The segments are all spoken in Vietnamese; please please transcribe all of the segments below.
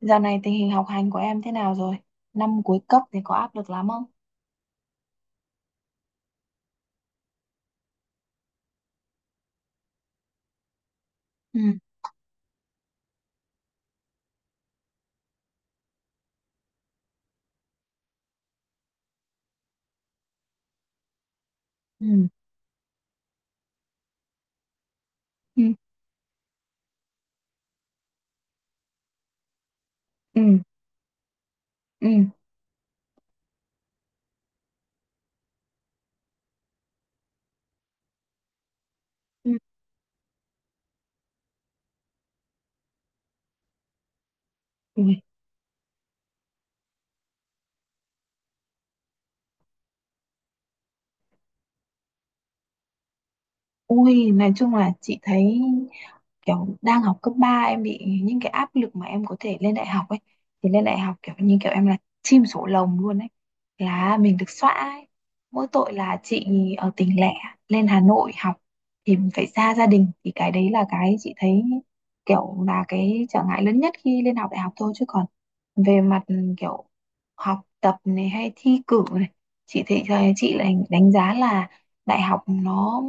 Dạo này tình hình học hành của em thế nào rồi? Năm cuối cấp thì có áp lực lắm không? Ừ, ừ, ừ, ừ, ừ. Ừ. Ui, ui, nói chung là chị thấy kiểu đang học cấp 3 em bị những cái áp lực mà em có thể lên đại học ấy, thì lên đại học kiểu như kiểu em là chim sổ lồng luôn ấy, là mình được xóa ấy. Mỗi tội là chị ở tỉnh lẻ lên Hà Nội học thì mình phải xa gia đình, thì cái đấy là cái chị thấy kiểu là cái trở ngại lớn nhất khi lên học đại học thôi. Chứ còn về mặt kiểu học tập này hay thi cử này, chị thấy chị lại đánh giá là đại học nó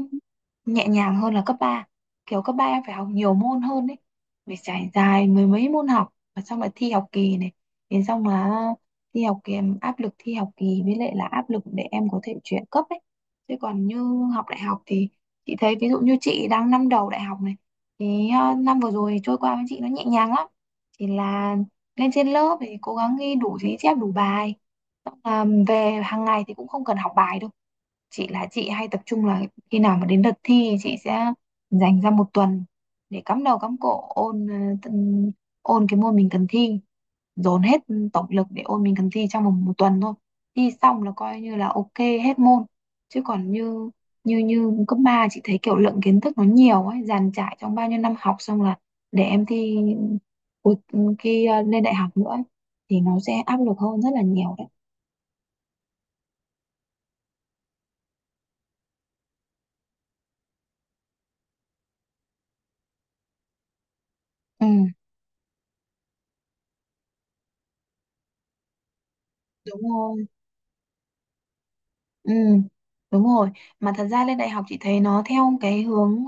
nhẹ nhàng hơn là cấp ba. Kiểu cấp ba em phải học nhiều môn hơn đấy, phải trải dài mười mấy môn học, và xong là thi học kỳ này, đến xong là thi học kỳ, em áp lực thi học kỳ với lại là áp lực để em có thể chuyển cấp ấy. Chứ còn như học đại học thì chị thấy ví dụ như chị đang năm đầu đại học này, thì năm vừa rồi trôi qua với chị nó nhẹ nhàng lắm. Chỉ là lên trên lớp thì cố gắng ghi đủ ghi chép đủ bài, xong là về hàng ngày thì cũng không cần học bài đâu. Chị là chị hay tập trung là khi nào mà đến đợt thi chị sẽ dành ra một tuần để cắm đầu cắm cổ ôn, tân- ôn cái môn mình cần thi, dồn hết tổng lực để ôn mình cần thi trong vòng một tuần thôi. Thi xong là coi như là ok hết môn. Chứ còn như như như cấp 3 chị thấy kiểu lượng kiến thức nó nhiều ấy, dàn trải trong bao nhiêu năm học, xong là để em thi cuối- khi lên đại học nữa ấy, thì nó sẽ áp lực hơn rất là nhiều đấy. Ừ, đúng rồi. Ừ, đúng rồi. Mà thật ra lên đại học chị thấy nó theo cái hướng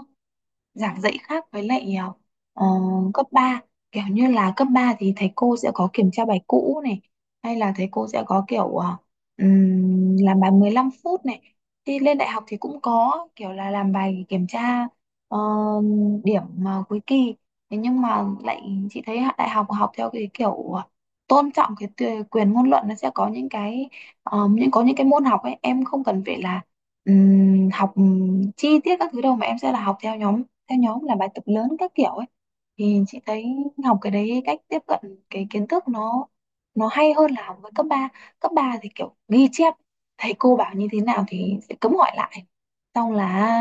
giảng dạy khác với lại ờ, cấp ba. Kiểu như là cấp 3 thì thầy cô sẽ có kiểm tra bài cũ này, hay là thầy cô sẽ có kiểu làm bài 15 phút này, thì lên đại học thì cũng có kiểu là làm bài kiểm tra, ờ, điểm cuối kỳ. Thế nhưng mà lại chị thấy đại học học theo cái kiểu tôn trọng cái quyền ngôn luận, nó sẽ có những cái ờ, những có những cái môn học ấy em không cần phải là học chi tiết các thứ đâu, mà em sẽ là học theo nhóm, theo nhóm làm bài tập lớn các kiểu ấy. Thì chị thấy học cái đấy, cách tiếp cận cái kiến thức nó hay hơn là học với cấp ba. Cấp 3 thì kiểu ghi chép, thầy cô bảo như thế nào thì sẽ cấm hỏi lại, xong là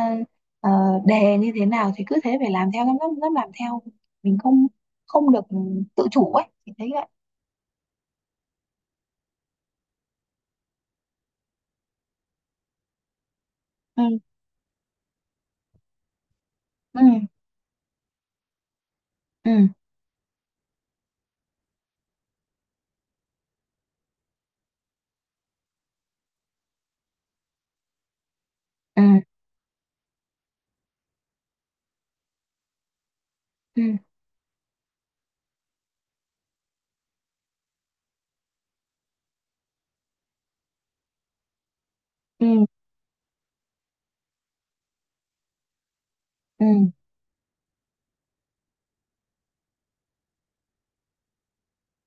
ờ, đề như thế nào thì cứ thế phải làm theo, lắm lắm làm theo, mình không, không được tự chủ ấy, chị thấy vậy. ừ, ừ, ừ, ừ, ừ, ừ, ừ,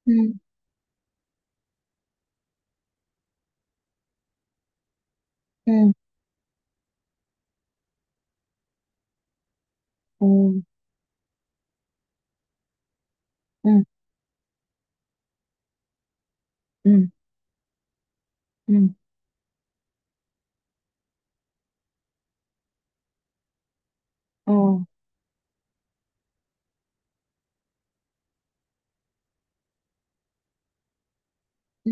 ừ, ừ, ừ, ừ, ừ, ừ, ừ. Ừ.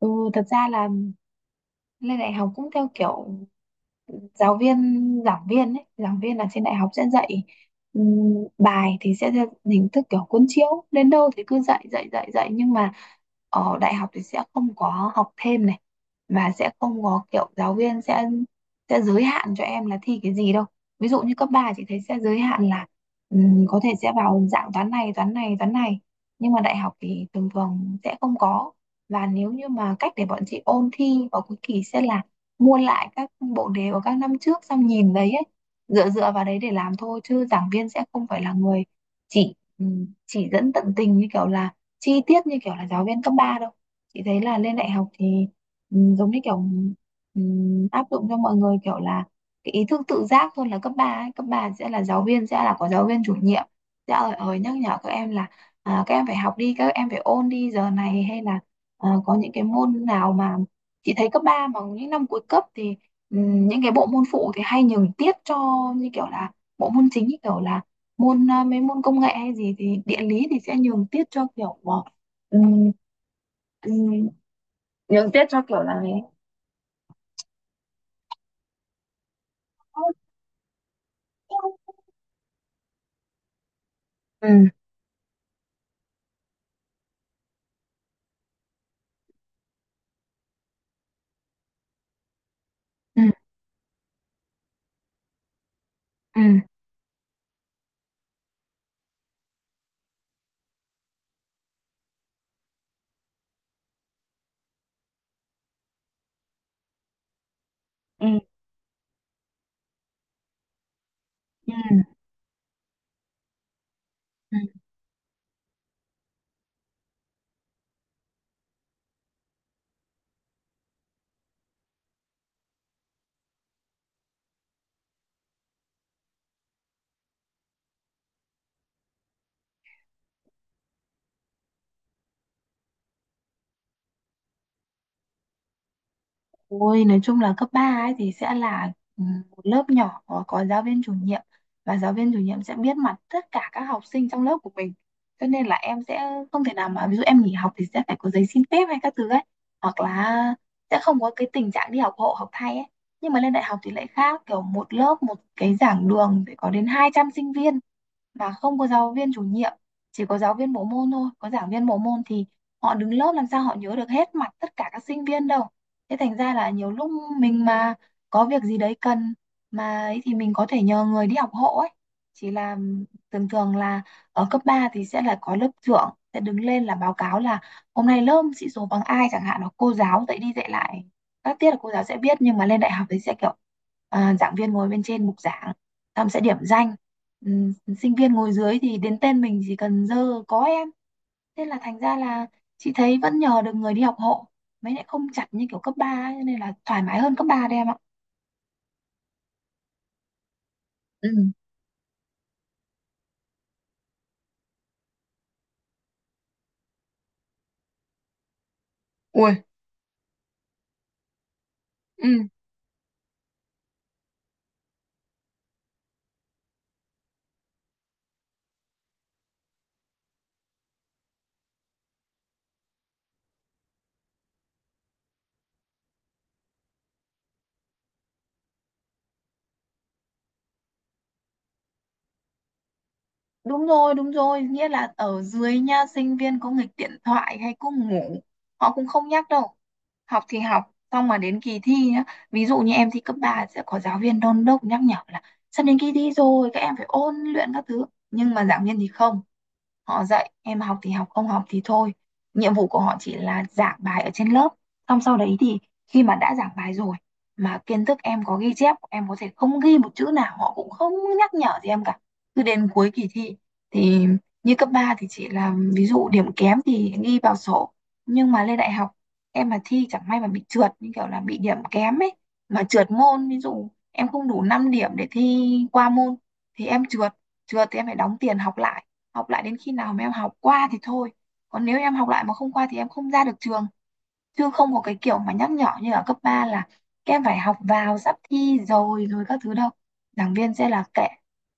Ừ, thật ra là lên đại học cũng theo kiểu giáo viên giảng viên ấy, giảng viên là trên đại học sẽ dạy, bài thì sẽ theo hình thức kiểu cuốn chiếu, đến đâu thì cứ dạy dạy dạy dạy nhưng mà ở đại học thì sẽ không có học thêm này, mà sẽ không có kiểu giáo viên sẽ giới hạn cho em là thi cái gì đâu. Ví dụ như cấp 3 chị thấy sẽ giới hạn là, có thể sẽ vào dạng toán này, nhưng mà đại học thì thường thường sẽ không có. Và nếu như mà cách để bọn chị ôn thi vào cuối kỳ sẽ là mua lại các bộ đề của các năm trước, xong nhìn đấy ấy, dựa dựa vào đấy để làm thôi, chứ giảng viên sẽ không phải là người chỉ, chỉ dẫn tận tình như kiểu là chi tiết như kiểu là giáo viên cấp 3 đâu. Chị thấy là lên đại học thì giống như kiểu, áp dụng cho mọi người kiểu là cái ý thức tự giác hơn là cấp ba ấy. Cấp 3 sẽ là giáo viên sẽ là có giáo viên chủ nhiệm sẽ ở nhắc nhở các em là à, các em phải học đi, các em phải ôn đi giờ này, hay là à, có những cái môn nào mà chị thấy cấp 3 mà những năm cuối cấp thì những cái bộ môn phụ thì hay nhường tiết cho, như kiểu là bộ môn chính, như kiểu là môn à, mấy môn công nghệ hay gì thì địa lý thì sẽ nhường tiết cho kiểu ừm, ừm, nhường tiết cho kiểu là. Ừ, ừ, ừ, ừ, ừ. Ừ. Ôi, nói chung là cấp 3 ấy thì sẽ là ừ, một lớp nhỏ có giáo viên chủ nhiệm, và giáo viên chủ nhiệm sẽ biết mặt tất cả các học sinh trong lớp của mình. Cho nên là em sẽ không thể nào mà, ví dụ em nghỉ học thì sẽ phải có giấy xin phép hay các thứ ấy, hoặc là sẽ không có cái tình trạng đi học hộ học thay ấy. Nhưng mà lên đại học thì lại khác, kiểu một lớp, một cái giảng đường phải có đến 200 sinh viên, và không có giáo viên chủ nhiệm, chỉ có giáo viên bộ môn thôi, có giảng viên bộ môn thì họ đứng lớp làm sao họ nhớ được hết mặt tất cả các sinh viên đâu. Thế thành ra là nhiều lúc mình mà có việc gì đấy cần mà ấy, thì mình có thể nhờ người đi học hộ ấy. Chỉ là thường thường là ở cấp 3 thì sẽ là có lớp trưởng sẽ đứng lên là báo cáo là hôm nay lớp sĩ số bằng ai chẳng hạn, hoặc cô giáo dạy đi dạy lại các tiết là cô giáo sẽ biết, nhưng mà lên đại học thì sẽ kiểu à, giảng viên ngồi bên trên bục giảng Thẩm sẽ điểm danh. Ừm, sinh viên ngồi dưới thì đến tên mình chỉ cần dơ có em. Thế là thành ra là chị thấy vẫn nhờ được người đi học hộ. Mới lại không chặt như kiểu cấp 3 ấy, cho nên là thoải mái hơn cấp 3 đấy em ạ. Ừ. Đúng rồi, đúng rồi, nghĩa là ở dưới nha sinh viên có nghịch điện thoại hay cứ ngủ họ cũng không nhắc đâu. Học thì học, xong mà đến kỳ thi nhá, ví dụ như em thi cấp 3 sẽ có giáo viên đôn đốc nhắc nhở là sắp đến kỳ thi rồi các em phải ôn luyện các thứ, nhưng mà giảng viên thì không. Họ dạy em, học thì học không học thì thôi, nhiệm vụ của họ chỉ là giảng bài ở trên lớp, xong sau đấy thì khi mà đã giảng bài rồi mà kiến thức em có ghi chép, em có thể không ghi một chữ nào họ cũng không nhắc nhở gì em cả. Cứ đến cuối kỳ thi thì, như cấp 3 thì chị làm ví dụ điểm kém thì ghi vào sổ, nhưng mà lên đại học em mà thi chẳng may mà bị trượt như kiểu là bị điểm kém ấy, mà trượt môn, ví dụ em không đủ 5 điểm để thi qua môn thì em trượt. Trượt thì em phải đóng tiền học lại, học lại đến khi nào mà em học qua thì thôi, còn nếu em học lại mà không qua thì em không ra được trường. Chứ không có cái kiểu mà nhắc nhở như ở cấp 3 là các em phải học vào sắp thi rồi rồi các thứ đâu. Giảng viên sẽ là kệ,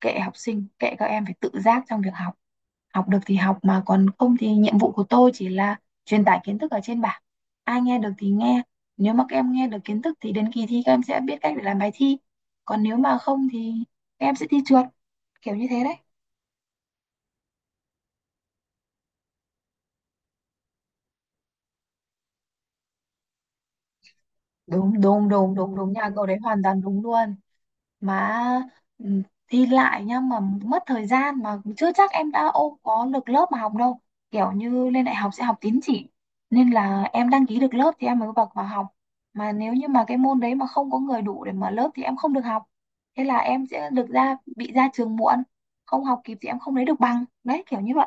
kệ học sinh, kệ các em phải tự giác trong việc học. Học được thì học mà còn không thì nhiệm vụ của tôi chỉ là truyền tải kiến thức ở trên bảng, ai nghe được thì nghe. Nếu mà các em nghe được kiến thức thì đến kỳ thi các em sẽ biết cách để làm bài thi, còn nếu mà không thì các em sẽ thi trượt, kiểu như thế đấy. Đúng, đúng, đúng, đúng, đúng, nhà cậu đấy hoàn toàn đúng luôn. Mà ừ, thi lại nhá, mà mất thời gian, mà chưa chắc em đã ô có được lớp mà học đâu. Kiểu như lên đại học sẽ học tín chỉ, nên là em đăng ký được lớp thì em mới bậc vào học, mà nếu như mà cái môn đấy mà không có người đủ để mở lớp thì em không được học. Thế là em sẽ được ra bị ra trường muộn, không học kịp thì em không lấy được bằng đấy, kiểu như vậy.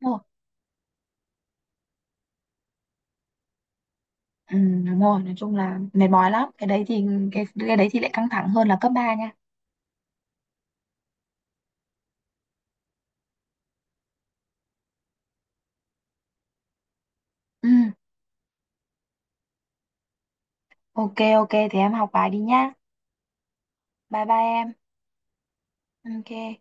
Đúng rồi. Ừ, đúng rồi, nói chung là mệt mỏi lắm. Cái đấy thì cái đấy thì lại căng thẳng hơn là cấp ba nha. Ừ, ok ok thì em học bài đi nhá, bye bye em. Ok.